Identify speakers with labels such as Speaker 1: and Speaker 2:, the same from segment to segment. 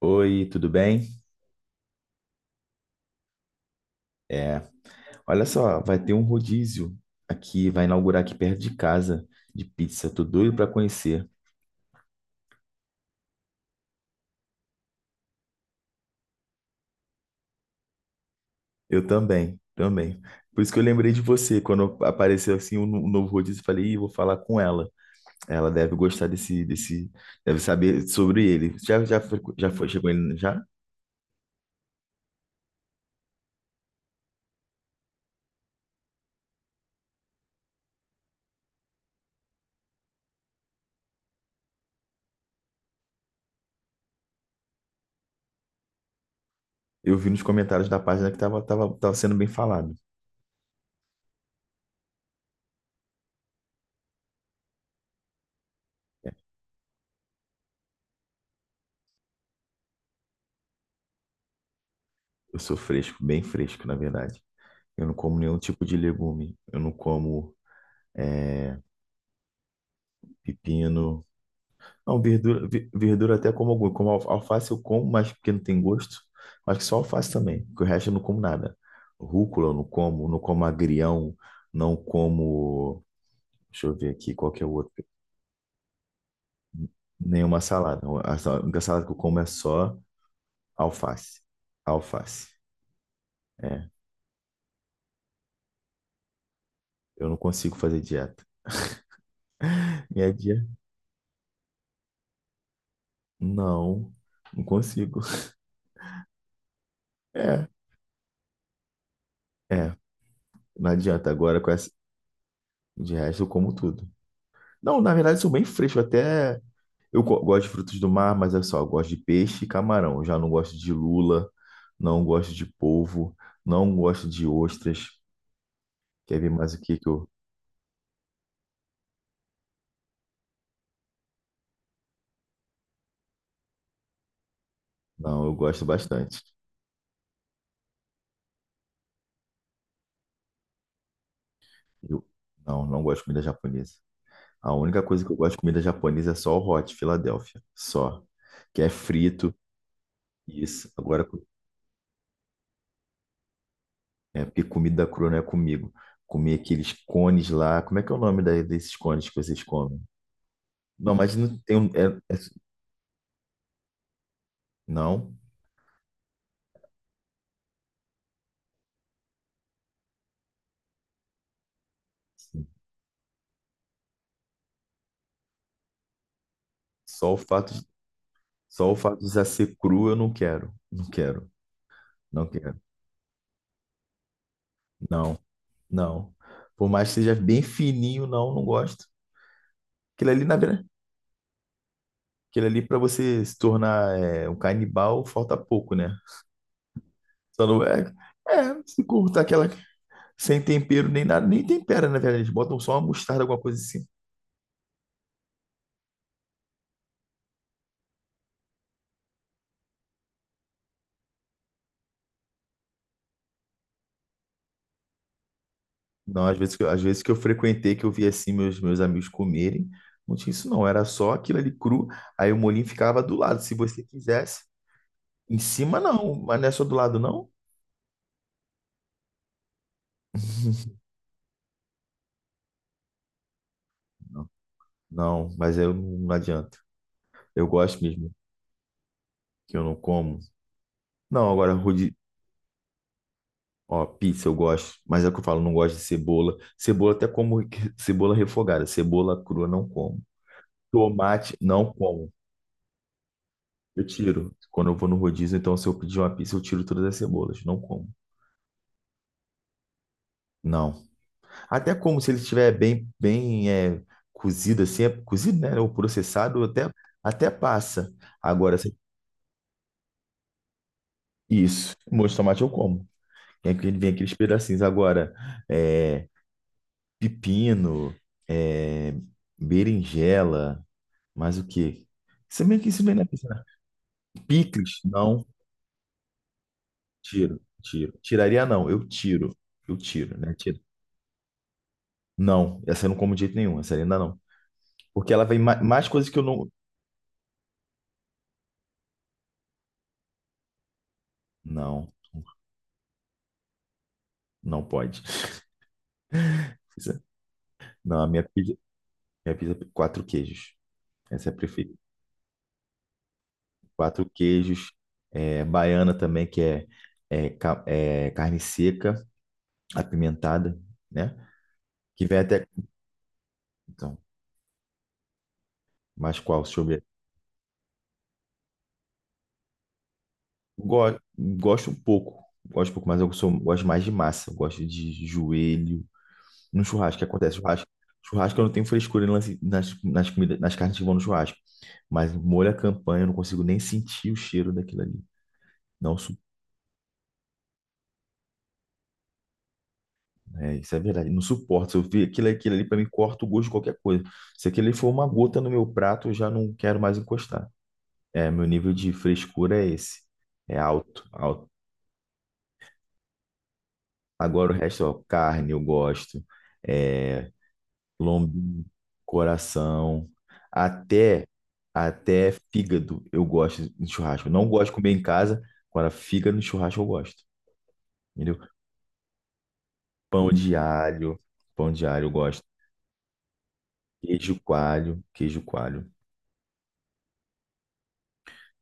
Speaker 1: Oi, tudo bem? É, Olha só, vai ter um rodízio aqui, vai inaugurar aqui perto de casa de pizza. Tô doido para conhecer. Eu também, também. Por isso que eu lembrei de você quando apareceu assim um, um novo rodízio, eu falei, Ih, vou falar com ela. Ela deve gostar desse, deve saber sobre ele. Já, já, já foi, chegou ele já? Eu vi nos comentários da página que tava sendo bem falado. Eu sou fresco, bem fresco, na verdade. Eu não como nenhum tipo de legume. Eu não como é, pepino. Não, verdura, verdura até como alguma. Como alface eu como, mas porque não tem gosto. Acho que só alface também, porque o resto eu não como nada. Rúcula eu não como, não como agrião, não como. Deixa eu ver aqui qual que é o outro. Nenhuma salada. A única salada que eu como é só alface. Alface. É, eu não consigo fazer dieta. Minha dieta? Não, não consigo. É, é, não adianta. Agora com essa, de resto eu como tudo. Não, na verdade eu sou bem fresco, até. Eu gosto de frutos do mar, mas é só, eu gosto de peixe e camarão. Eu já não gosto de lula, não gosto de polvo, não gosto de ostras. Quer ver mais o que que eu... Não, eu gosto bastante. Eu... Não, não gosto de comida japonesa. A única coisa que eu gosto de comida japonesa é só o hot Philadelphia, só. Que é frito, isso. Agora, é porque comida crua não é comigo. Comer aqueles cones lá. Como é que é o nome desses cones que vocês comem? Não, mas não tem um... Não. Só o fato, só o fato de já ser cru, eu não quero. Não quero. Não quero. Não, não. Por mais que seja bem fininho, não, não gosto. Aquilo ali, na verdade, aquilo ali para você se tornar um canibal, falta pouco, né? Só não é, se cortar aquela sem tempero nem nada, nem tempera, na verdade. Eles botam só uma mostarda, alguma coisa assim. Não, às vezes, às vezes que eu frequentei, que eu vi assim meus amigos comerem, não tinha isso não, era só aquilo ali cru, aí o molinho ficava do lado, se você quisesse. Em cima não, mas não é só do lado não? Não, não, mas eu não adianta. Eu gosto mesmo que eu não como. Não, agora rude, ó, pizza eu gosto, mas é o que eu falo, não gosto de cebola. Cebola até como cebola refogada, cebola crua não como. Tomate não como. Eu tiro. Quando eu vou no rodízio, então se eu pedir uma pizza, eu tiro todas as cebolas, não como. Não. Até como se ele estiver bem cozido assim, é cozido, né, ou processado, até passa. Agora se- Isso, molho de tomate eu como. Vem aqueles pedacinhos. Agora, é, pepino, é, berinjela, mais o quê? Se bem que isso vem na piscina. Picles, não, tiro, tiro. Tiraria não, eu tiro. Eu tiro, né? Tiro. Não, essa eu não como de jeito nenhum, essa ainda não. Porque ela vem mais coisas que eu não. Não, não pode. Pizza, não, a minha pizza é quatro queijos. Essa é a preferida. Quatro queijos, é, baiana também, que é, é carne seca, apimentada, né? Que vem até. Então, mas qual? Deixa eu ver. Gosto um pouco. Gosto um pouco, mas gosto mais de massa. Eu gosto de joelho. No churrasco, que acontece? Churrasco. Churrasco eu não tenho frescura em nas, nas comidas, nas carnes que vão no churrasco. Mas molho à campanha, eu não consigo nem sentir o cheiro daquilo ali. Não, su- É, isso é verdade. Não suporto. Se eu ver aquilo, aquilo ali, pra mim, corta o gosto de qualquer coisa. Se aquilo ali for uma gota no meu prato, eu já não quero mais encostar. É, meu nível de frescura é esse. É alto, alto. Agora o resto, ó, carne eu gosto, é, lombinho, coração, até até fígado eu gosto de churrasco. Não gosto de comer em casa, agora fígado no churrasco eu gosto, entendeu? Pão de alho, pão de alho eu gosto. Queijo coalho.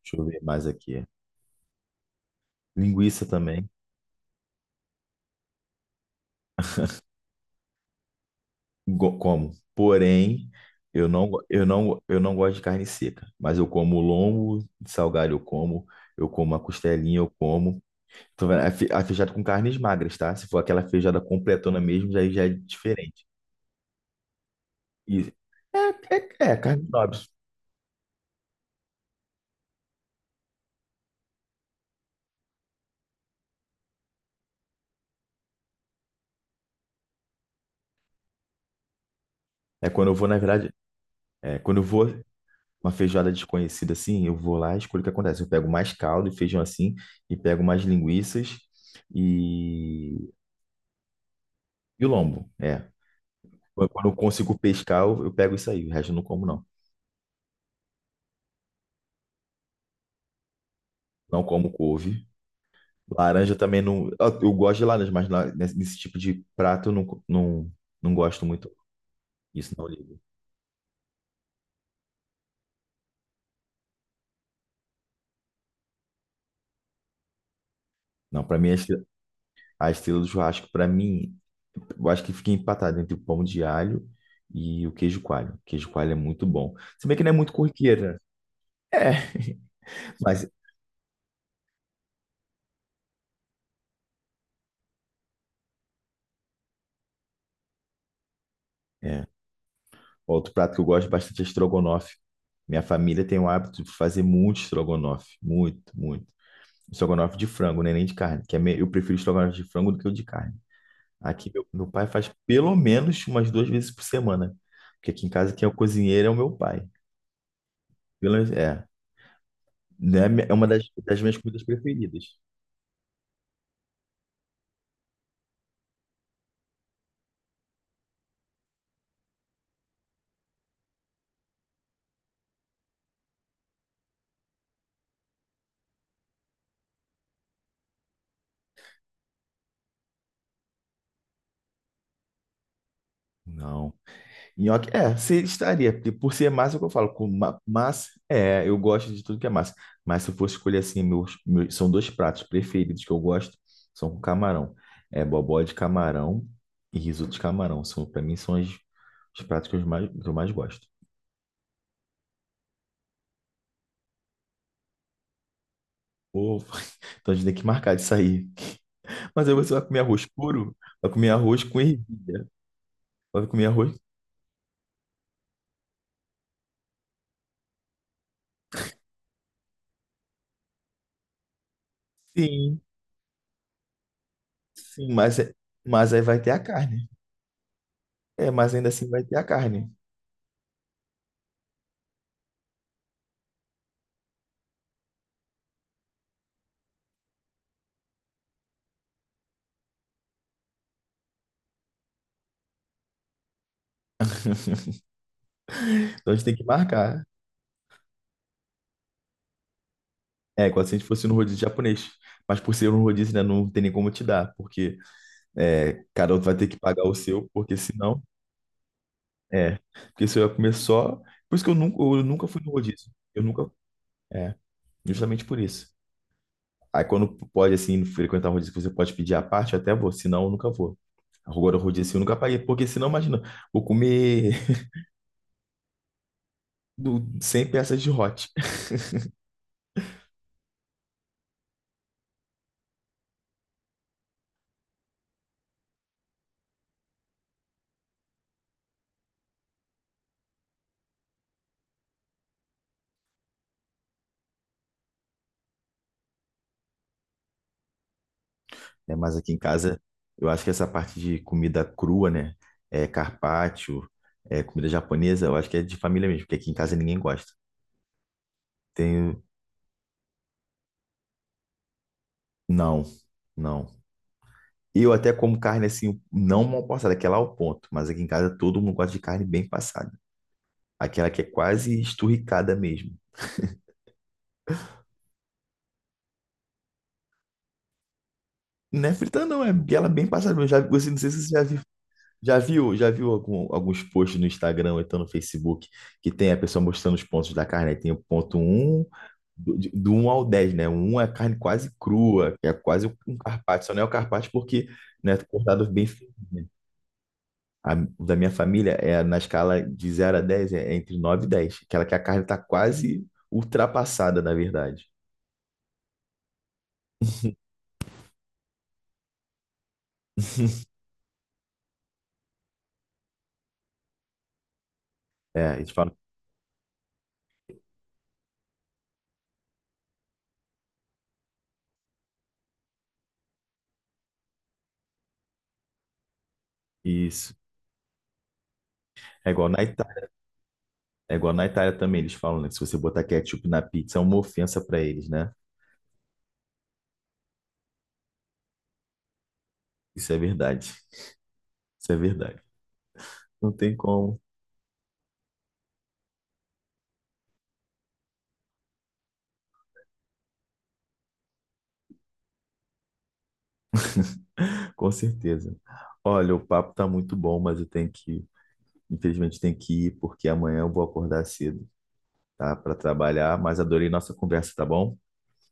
Speaker 1: Deixa eu ver mais aqui. Linguiça também, como. Porém, eu não, go- eu não gosto de carne seca, mas eu como lombo, salgado eu como a costelinha, eu como. Tô vendo, a feijoada com carnes magras, tá? Se for aquela feijoada completona mesmo, aí já é diferente. E é, É carnes nobres. É quando eu vou, na verdade, quando eu vou uma feijoada desconhecida assim, eu vou lá e escolho o que acontece. Eu pego mais caldo e feijão assim, e pego mais linguiças e, e o lombo. É. Quando eu consigo pescar, eu pego isso aí. O resto eu não como, não. Não como couve. Laranja também não. Eu gosto de laranja, mas lá nesse tipo de prato eu não, não, não gosto muito. Isso não. Não, pra mim a estrela do churrasco, pra mim, eu acho que fica empatado entre o pão de alho e o queijo coalho. O queijo coalho é muito bom. Se bem que não é muito corriqueira. É, mas é. Outro prato que eu gosto bastante é estrogonofe. Minha família tem o hábito de fazer muito estrogonofe, muito, muito. Estrogonofe de frango, né? Nem de carne, eu prefiro estrogonofe de frango do que o de carne. Aqui meu pai faz pelo menos umas duas vezes por semana, porque aqui em casa quem é o cozinheiro é o meu pai. Pelo, é, né? É uma das minhas comidas preferidas. Não. Nhoque, estaria, porque por ser massa, é o que eu falo, com massa, é, eu gosto de tudo que é massa. Mas se eu fosse escolher assim, são dois pratos preferidos que eu gosto, são com camarão. É bobó de camarão e risoto de camarão. São, para mim, são os pratos que eu mais gosto. Pô, então a gente tem que marcar de sair. Mas aí você vai comer arroz puro? Vai comer arroz com ervilha. Vai comer arroz? Sim, sim, mas, mas aí vai ter a carne. É, mas ainda assim vai ter a carne. Então a gente tem que marcar. É, quase se a gente fosse no rodízio japonês. Mas por ser um rodízio, né, não tem nem como te dar, porque cada outro vai ter que pagar o seu, porque senão. É. Porque se eu ia comer só. Por isso que eu nunca fui no rodízio. Eu nunca. É, justamente por isso. Aí quando pode, assim, frequentar um rodízio que você pode pedir à parte, eu até vou, senão eu nunca vou. Agora o rodízio assim, eu nunca paguei, porque senão, imagina, vou comer 100 peças de hot. Né? Mas aqui em casa, eu acho que essa parte de comida crua, né? É carpaccio, é comida japonesa, eu acho que é de família mesmo, porque aqui em casa ninguém gosta. Tenho. Não, não. Eu até como carne assim, não mal passada, aquela ao ponto, mas aqui em casa todo mundo gosta de carne bem passada. Aquela que é quase esturricada mesmo. Não é frita, não, é ela bem passada. Você, não sei se você já viu, já viu, já viu alguns posts no Instagram ou então no Facebook que tem a pessoa mostrando os pontos da carne? Aí tem o ponto um do 1 ao 10, né? O 1 é carne quase crua, que é quase um carpaccio, só não é o carpaccio porque, né, é cortado bem fininho, né? O da minha família é na escala de 0 a 10 é entre 9 e 10, aquela que a carne está quase ultrapassada, na verdade. É, eles falam isso. É igual na Itália, é igual na Itália também, eles falam, né, que se você botar ketchup na pizza é uma ofensa para eles, né? Isso é verdade. Isso é verdade. Não tem como, com certeza. Olha, o papo tá muito bom, mas eu tenho que, infelizmente, tenho que ir porque amanhã eu vou acordar cedo, tá? Para trabalhar, mas adorei nossa conversa, tá bom?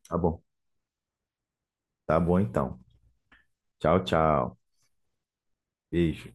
Speaker 1: Tá bom. Tá bom então. Tchau, tchau. Beijo.